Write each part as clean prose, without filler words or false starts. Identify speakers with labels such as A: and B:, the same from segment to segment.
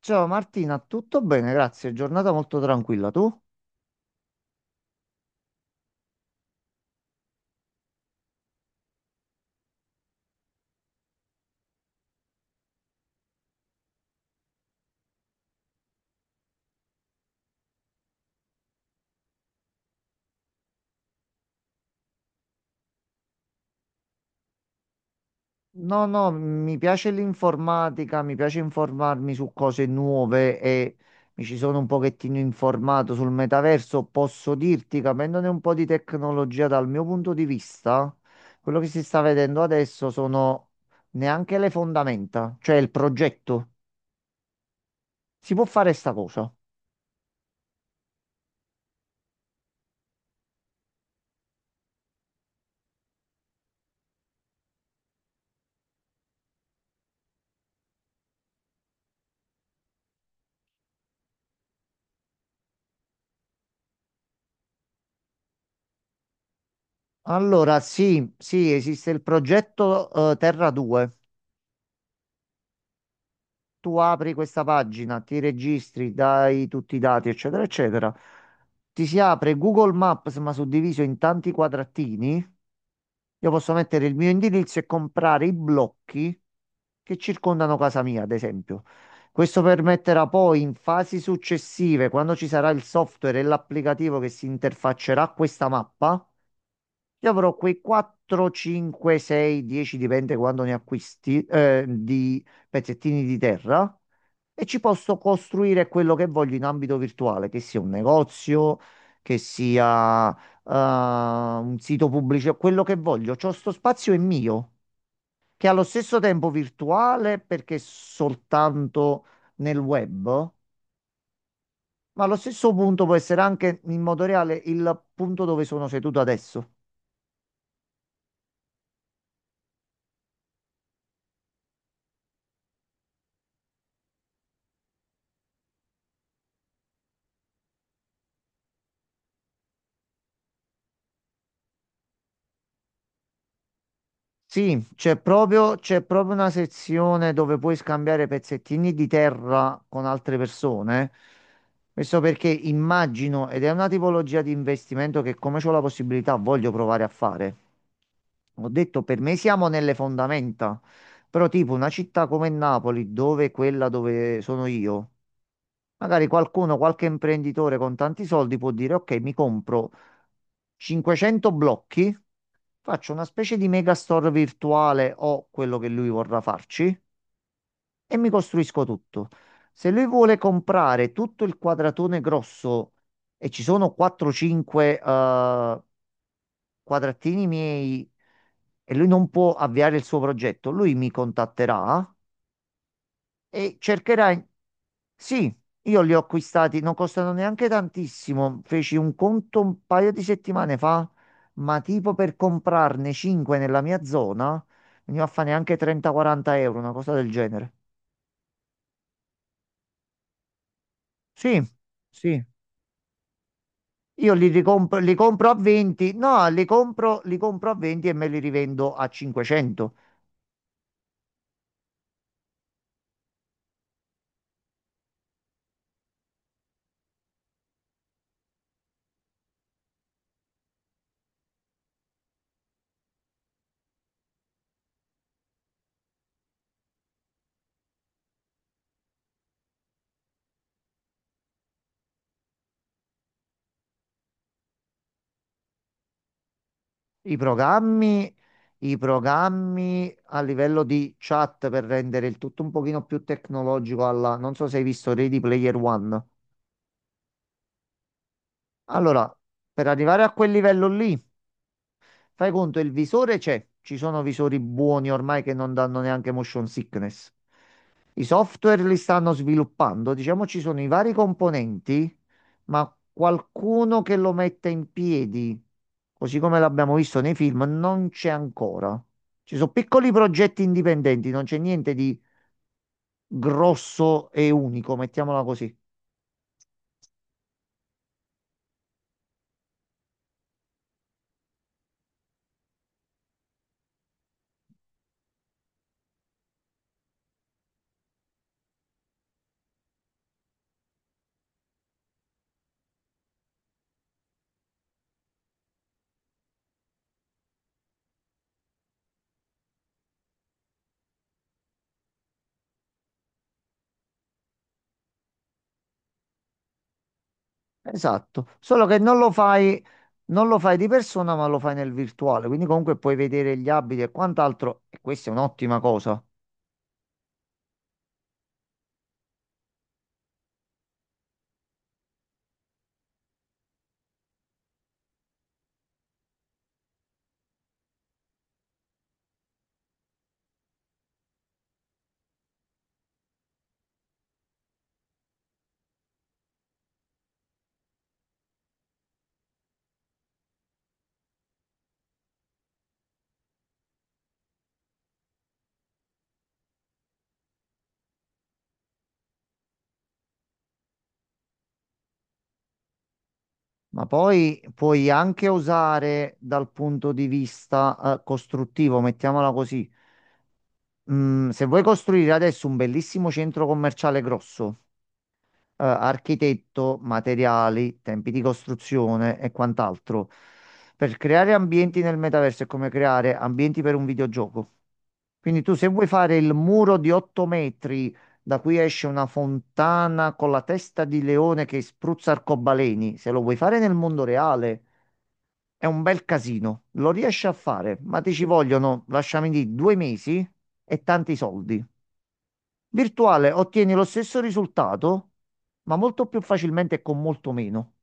A: Ciao Martina, tutto bene, grazie. Giornata molto tranquilla. Tu? No, no, mi piace l'informatica, mi piace informarmi su cose nuove e mi ci sono un pochettino informato sul metaverso. Posso dirti, capendone un po' di tecnologia dal mio punto di vista, quello che si sta vedendo adesso sono neanche le fondamenta, cioè il progetto. Si può fare sta cosa? Allora, sì, sì, esiste il progetto Terra 2. Tu apri questa pagina, ti registri, dai tutti i dati, eccetera, eccetera. Ti si apre Google Maps, ma suddiviso in tanti quadratini. Io posso mettere il mio indirizzo e comprare i blocchi che circondano casa mia, ad esempio. Questo permetterà poi in fasi successive, quando ci sarà il software e l'applicativo che si interfaccerà a questa mappa, io avrò quei 4, 5, 6, 10, dipende quando ne acquisti, di pezzettini di terra e ci posso costruire quello che voglio in ambito virtuale, che sia un negozio, che sia, un sito pubblico, quello che voglio. C'ho sto spazio è mio, che è allo stesso tempo virtuale perché è soltanto nel web, ma allo stesso punto può essere anche in modo reale il punto dove sono seduto adesso. Sì, c'è proprio una sezione dove puoi scambiare pezzettini di terra con altre persone. Questo perché immagino, ed è una tipologia di investimento che come ho la possibilità voglio provare a fare. Ho detto, per me siamo nelle fondamenta, però tipo una città come Napoli, dove è quella dove sono io. Magari qualcuno, qualche imprenditore con tanti soldi può dire: Ok, mi compro 500 blocchi, faccio una specie di megastore virtuale o quello che lui vorrà farci e mi costruisco tutto. Se lui vuole comprare tutto il quadratone grosso e ci sono 4-5 quadratini miei e lui non può avviare il suo progetto, lui mi contatterà e cercherai. Sì, io li ho acquistati, non costano neanche tantissimo. Feci un conto un paio di settimane fa, ma tipo per comprarne 5 nella mia zona, veniva a fare neanche 30-40 euro, una cosa del genere. Sì, sì. Io li compro a 20, no, li compro a 20 e me li rivendo a 500. I programmi, i programmi a livello di chat per rendere il tutto un pochino più tecnologico alla... Non so se hai visto Ready Player One. Allora, per arrivare a quel livello lì... Fai conto, il visore c'è, ci sono visori buoni ormai che non danno neanche motion sickness. I software li stanno sviluppando, diciamo ci sono i vari componenti, ma qualcuno che lo metta in piedi, così come l'abbiamo visto nei film, non c'è ancora. Ci sono piccoli progetti indipendenti, non c'è niente di grosso e unico, mettiamola così. Esatto, solo che non lo fai, non lo fai di persona, ma lo fai nel virtuale, quindi comunque puoi vedere gli abiti e quant'altro, e questa è un'ottima cosa, ma poi puoi anche usare dal punto di vista, costruttivo, mettiamola così. Se vuoi costruire adesso un bellissimo centro commerciale grosso, architetto, materiali, tempi di costruzione e quant'altro. Per creare ambienti nel metaverso è come creare ambienti per un videogioco. Quindi tu se vuoi fare il muro di 8 metri da cui esce una fontana con la testa di leone che spruzza arcobaleni, se lo vuoi fare nel mondo reale è un bel casino, lo riesci a fare, ma ti ci vogliono, lasciami dire, 2 mesi e tanti soldi. Virtuale ottieni lo stesso risultato, ma molto più facilmente e con molto meno.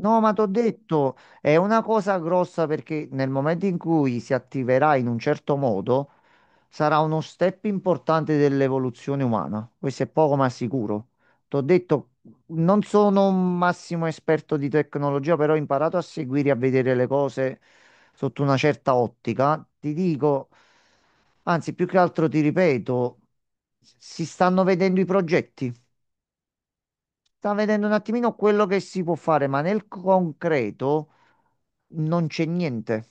A: No, ma t'ho detto, è una cosa grossa perché nel momento in cui si attiverà in un certo modo, sarà uno step importante dell'evoluzione umana. Questo è poco ma sicuro. T'ho detto, non sono un massimo esperto di tecnologia, però ho imparato a seguire e a vedere le cose sotto una certa ottica. Ti dico, anzi, più che altro ti ripeto, si stanno vedendo i progetti. Sta vedendo un attimino quello che si può fare, ma nel concreto non c'è niente.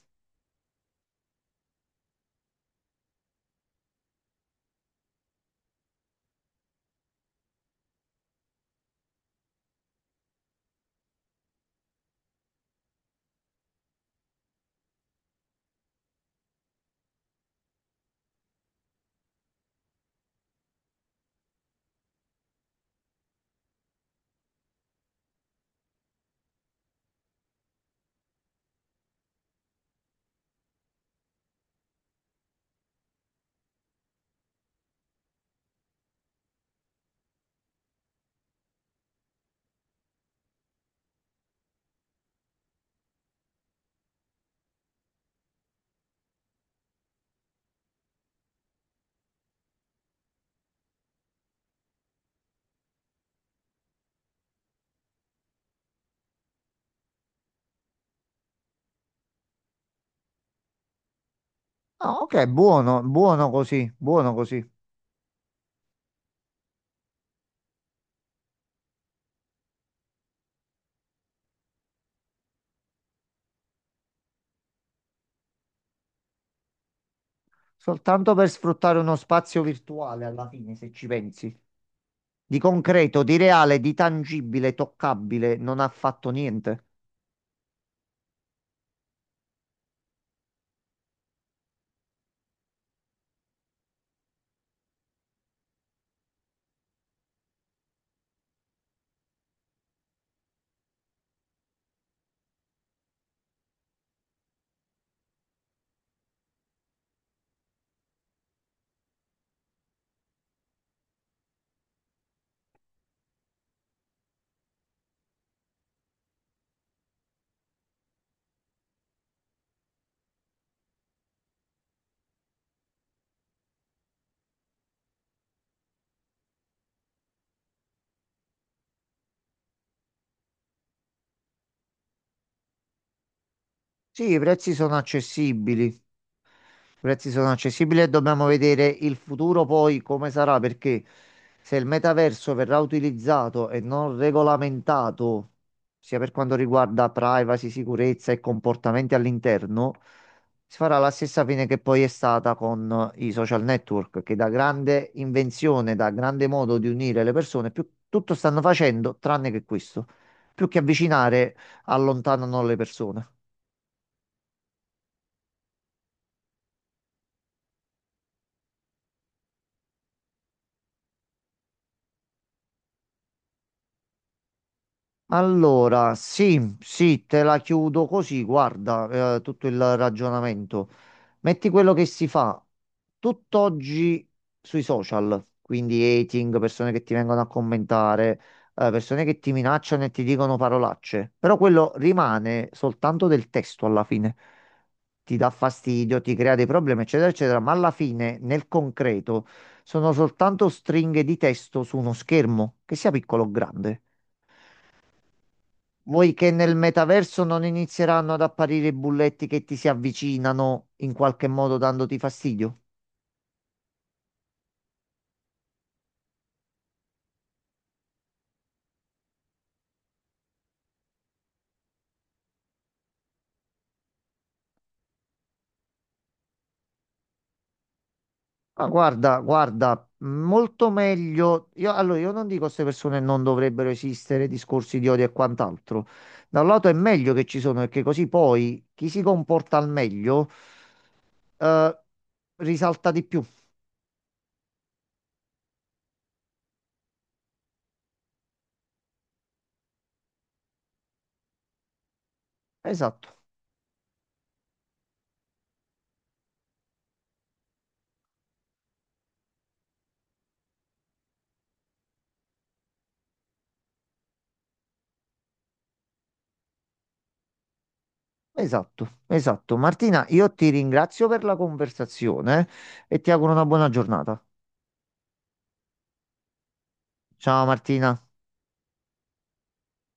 A: Ah, ok, buono, buono così, buono così. Soltanto per sfruttare uno spazio virtuale alla fine, se ci pensi. Di concreto, di reale, di tangibile, toccabile, non ha fatto niente. Sì, i prezzi sono accessibili. I prezzi sono accessibili e dobbiamo vedere il futuro poi come sarà, perché se il metaverso verrà utilizzato e non regolamentato, sia per quanto riguarda privacy, sicurezza e comportamenti all'interno, si farà la stessa fine che poi è stata con i social network, che da grande invenzione, da grande modo di unire le persone, più, tutto stanno facendo tranne che questo. Più che avvicinare, allontanano le persone. Allora, sì, sì, te la chiudo così, guarda, tutto il ragionamento. Metti quello che si fa tutt'oggi sui social, quindi hating, persone che ti vengono a commentare, persone che ti minacciano e ti dicono parolacce, però quello rimane soltanto del testo alla fine. Ti dà fastidio, ti crea dei problemi, eccetera, eccetera, ma alla fine, nel concreto, sono soltanto stringhe di testo su uno schermo, che sia piccolo o grande. Vuoi che nel metaverso non inizieranno ad apparire i bulletti che ti si avvicinano in qualche modo dandoti fastidio? Ma guarda, guarda, molto meglio. Io, allora, io non dico che queste persone non dovrebbero esistere, discorsi di odio e quant'altro. Da un lato è meglio che ci sono, perché così poi chi si comporta al meglio eh, risalta di più. Esatto, esatto, esatto. Martina, io ti ringrazio per la conversazione e ti auguro una buona giornata. Ciao Martina.